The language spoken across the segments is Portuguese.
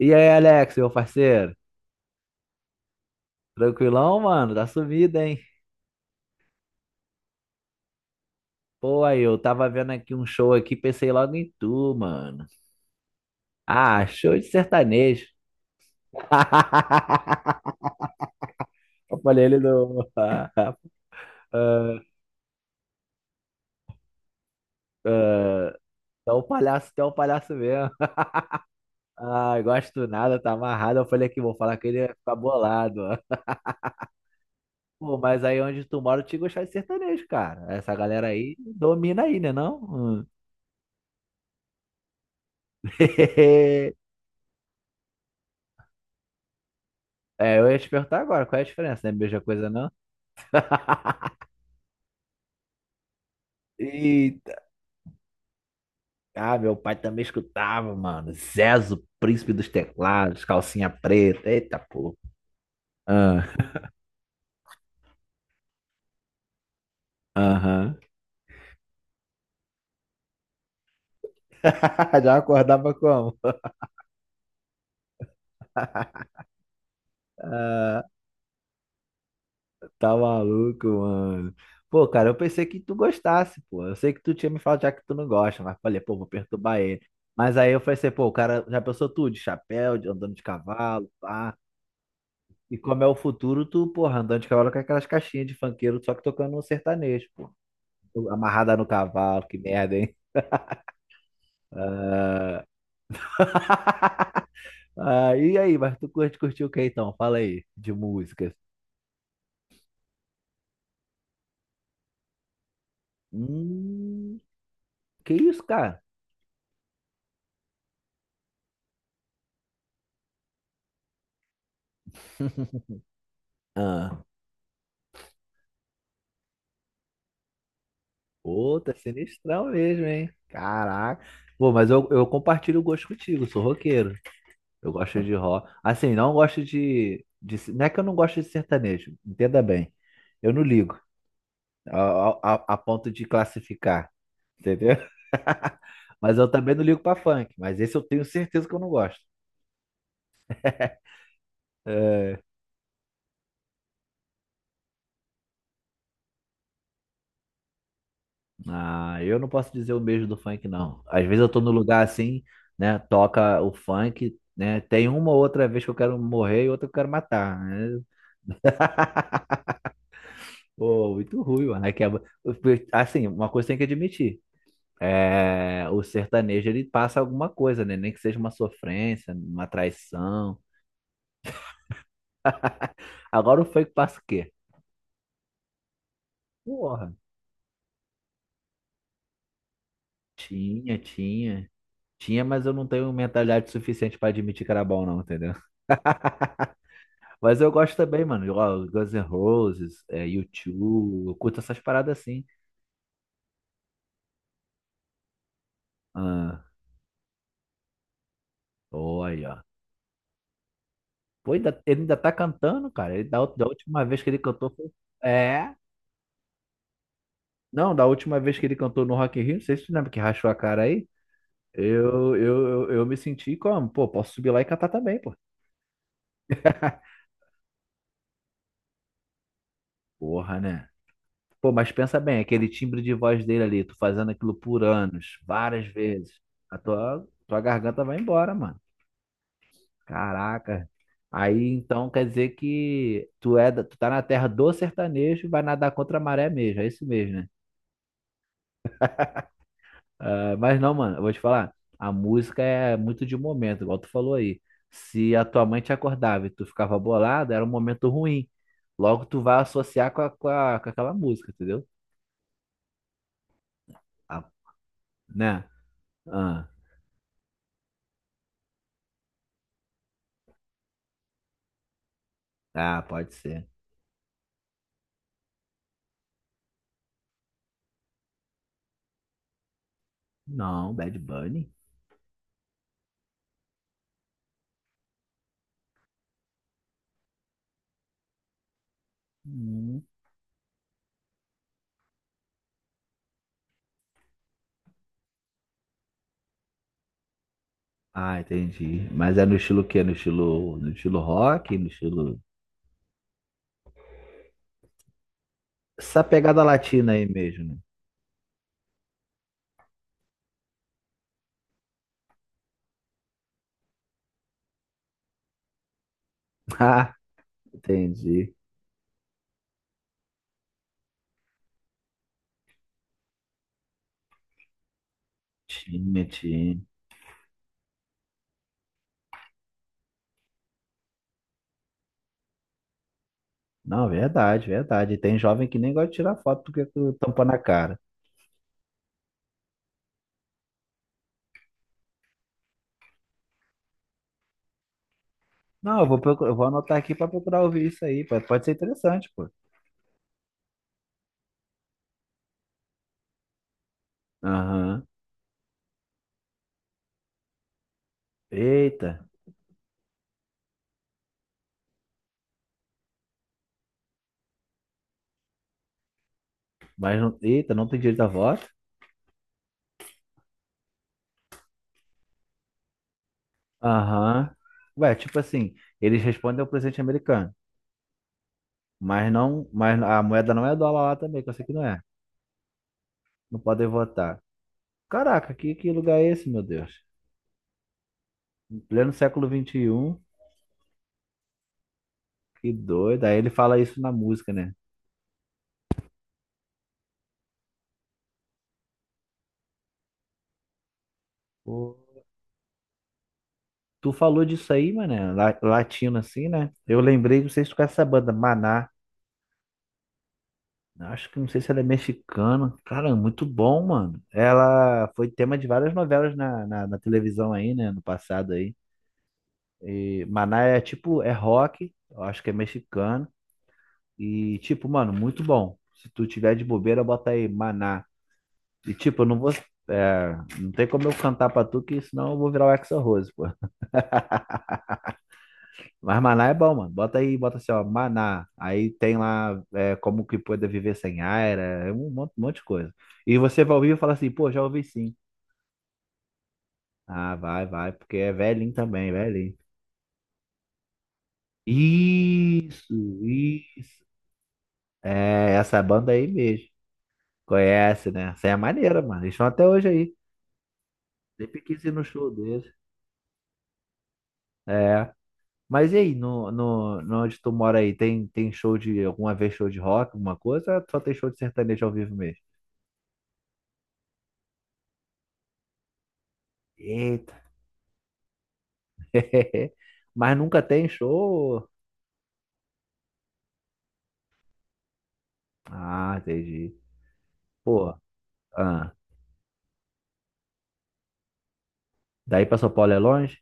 E aí, Alex, meu parceiro? Tranquilão, mano? Tá sumido, hein? Pô, aí, eu tava vendo aqui um show aqui, pensei logo em tu, mano. Ah, show de sertanejo. Eu falei, ele não. Ah, tu é um palhaço, tu é um palhaço mesmo. Ah, gosto do nada, tá amarrado. Eu falei aqui, vou falar que ele ia ficar bolado, ó. Pô, mas aí onde tu mora, eu te gostar de sertanejo, cara. Essa galera aí domina aí, né, não? Hum. É, eu ia te perguntar agora, qual é a diferença? Não é a mesma coisa, não? Eita, ah, meu pai também escutava, mano. Zezo, príncipe dos teclados, calcinha preta. Eita, pô. Ah, aham. Já acordava como? Tá maluco, mano. Pô, cara, eu pensei que tu gostasse, pô. Eu sei que tu tinha me falado já que tu não gosta, mas falei, pô, vou perturbar ele. Mas aí eu pensei, pô, o cara já pensou tudo, de chapéu, de andando de cavalo, pá. E como é o futuro, tu, porra, andando de cavalo com aquelas caixinhas de funkeiro, só que tocando um sertanejo, pô. Amarrada no cavalo, que merda, hein? Ah, e aí, mas tu curtiu o que então? Fala aí, de músicas. Hum, que isso, cara? Ah, pô, tá sinistrão mesmo, hein? Caraca. Pô, mas eu compartilho o gosto contigo, sou roqueiro. Eu gosto de rock. Assim, não gosto de. Não é que eu não gosto de sertanejo, entenda bem. Eu não ligo a, a ponto de classificar, entendeu? Mas eu também não ligo pra funk. Mas esse eu tenho certeza que eu não gosto. É. Ah, eu não posso dizer o mesmo do funk, não. Às vezes eu tô no lugar assim, né? Toca o funk, né? Tem uma ou outra vez que eu quero morrer e outra que eu quero matar, né? Pô, muito ruim, mano. Assim, uma coisa tem que admitir. É, o sertanejo, ele passa alguma coisa, né? Nem que seja uma sofrência, uma traição. Agora o funk passa o quê? Porra, tinha, tinha. Tinha, mas eu não tenho mentalidade suficiente pra admitir que era bom, não, entendeu? Mas eu gosto também, mano. Ó, Guns N' Roses, é, U2, eu curto essas paradas assim. Ah, olha. Pô, ainda, ele ainda tá cantando, cara. Da última vez que ele cantou foi. É. Não, da última vez que ele cantou no Rock in Rio, não sei se tu lembra que rachou a cara aí. Eu me senti como? Pô, posso subir lá e cantar também, pô. Porra, né? Pô, mas pensa bem, aquele timbre de voz dele ali, tu fazendo aquilo por anos, várias vezes. A tua garganta vai embora, mano. Caraca. Aí então quer dizer que tu tá na terra do sertanejo, e vai nadar contra a maré mesmo, é isso mesmo, né? Ah, mas não, mano, eu vou te falar, a música é muito de momento, igual tu falou aí. Se a tua mãe te acordava e tu ficava bolado, era um momento ruim. Logo tu vai associar com aquela música, entendeu? Ah, né? Ah, ah, pode ser. Não, Bad Bunny. Hum. Ah, entendi. Mas é no estilo o quê? No estilo, rock, no estilo. Essa pegada latina aí mesmo, né? Ah, entendi. Tinha, tinha. Não, verdade, verdade. Tem jovem que nem gosta de tirar foto porque tu tampa na cara. Não, eu vou anotar aqui pra procurar ouvir isso aí. Pode ser interessante, pô. Aham. Eita, mas não, eita, não tem direito a voto? Aham. Ué, tipo assim, eles respondem ao presidente americano, mas a moeda não é dólar lá também, que eu sei que não é. Não podem votar. Caraca, que lugar é esse, meu Deus? Pleno século 21. Que doido. Aí ele fala isso na música, né? Pô, tu falou disso aí, mano, latino assim, né? Eu lembrei, não sei se tu conhece essa banda, Maná. Acho que não sei se ela é mexicana. Cara, muito bom, mano. Ela foi tema de várias novelas na televisão aí, né? No passado aí. E Maná é tipo, é rock, eu acho que é mexicano. E tipo, mano, muito bom. Se tu tiver de bobeira, bota aí Maná. E tipo, eu não vou. É, não tem como eu cantar pra tu, que senão eu vou virar o Axl Rose, pô. Mas maná é bom, mano. Bota aí, bota assim, ó, maná. Aí tem lá é, como que pode viver sem ar, é um monte de coisa. E você vai ouvir e fala assim, pô, já ouvi sim. Ah, vai, vai, porque é velhinho também, velhinho. Isso, isso. É, essa banda aí mesmo. Conhece, né? Essa é maneira, mano. Eles estão até hoje aí. Sempre quis ir no show deles. É. Mas e aí, no onde tu mora aí, tem show de, alguma vez show de rock, alguma coisa? Ou só tem show de sertanejo ao vivo mesmo? Eita. Mas nunca tem show. Ah, entendi. Pô, ah, daí pra São Paulo é longe?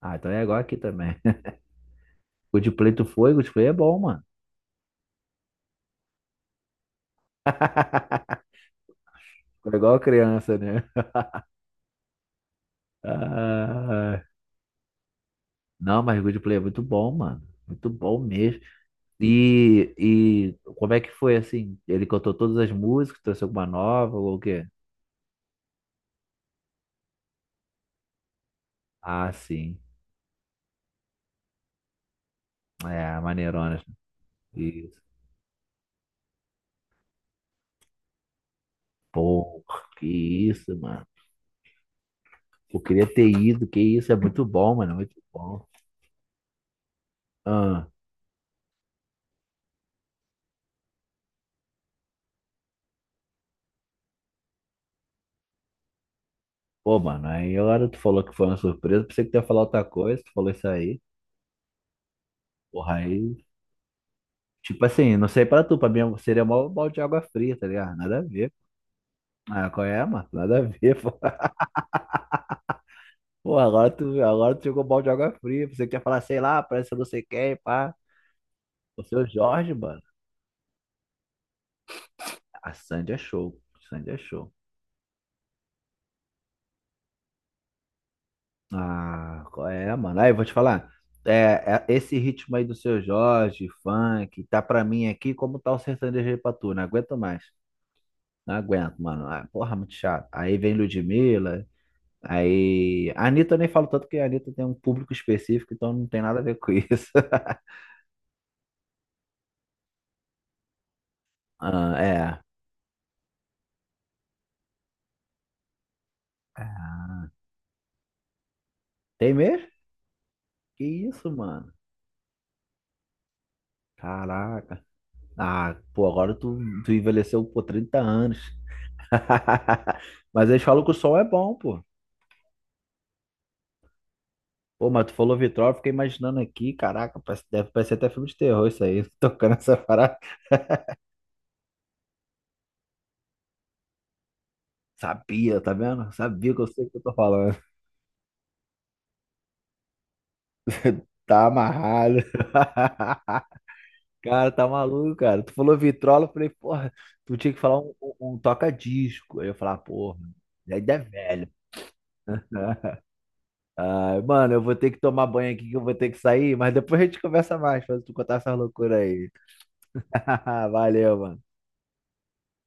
Ah, então é igual aqui também. Coldplay tu foi, Coldplay é bom, mano. Foi igual criança, né? Ah, não, mas Coldplay é muito bom, mano. Muito bom mesmo. E como é que foi assim? Ele cantou todas as músicas, trouxe alguma nova ou o quê? Ah, sim. É, maneirona. Isso. Pô, que isso, mano. Eu queria ter ido, que isso, é muito bom, mano, é muito bom. Ah, pô, mano, aí agora tu falou que foi uma surpresa, pensei que tu ia falar outra coisa, tu falou isso aí. Porra, aí, tipo assim, não sei pra tu, pra mim seria mó balde de água fria, tá ligado? Nada a ver. Ah, qual é, mano? Nada a ver, pô. Pô, agora tu jogou balde de água fria, pensei que ia falar, sei lá, parece que eu não sei quem, pá. O seu Jorge, mano. A Sandy é show, Sandy é show. Ah, qual é, mano. Aí, eu vou te falar. É, Esse ritmo aí do Seu Jorge, funk, tá pra mim aqui como tá o sertanejo aí pra tu. Não aguento mais. Não aguento, mano. Ah, porra, muito chato. Aí vem Ludmilla. Aí. A Anitta eu nem falo tanto que a Anitta tem um público específico, então não tem nada a ver com isso. Ah, é. Tem mesmo? Que isso, mano? Caraca. Ah, pô, agora tu envelheceu por 30 anos. Mas eles falam que o som é bom, pô. Pô, mas tu falou Vitrol, eu fiquei imaginando aqui, caraca, deve parecer até filme de terror isso aí, tocando essa parada. Sabia, tá vendo? Sabia que eu sei o que eu tô falando. Tá amarrado. Cara, tá maluco, cara. Tu falou Vitrola, eu falei, porra, tu tinha que falar um toca-disco. Aí eu falava, porra, já é velho. Ai, mano, eu vou ter que tomar banho aqui que eu vou ter que sair, mas depois a gente conversa mais, pra tu contar essas loucuras aí. Valeu, mano.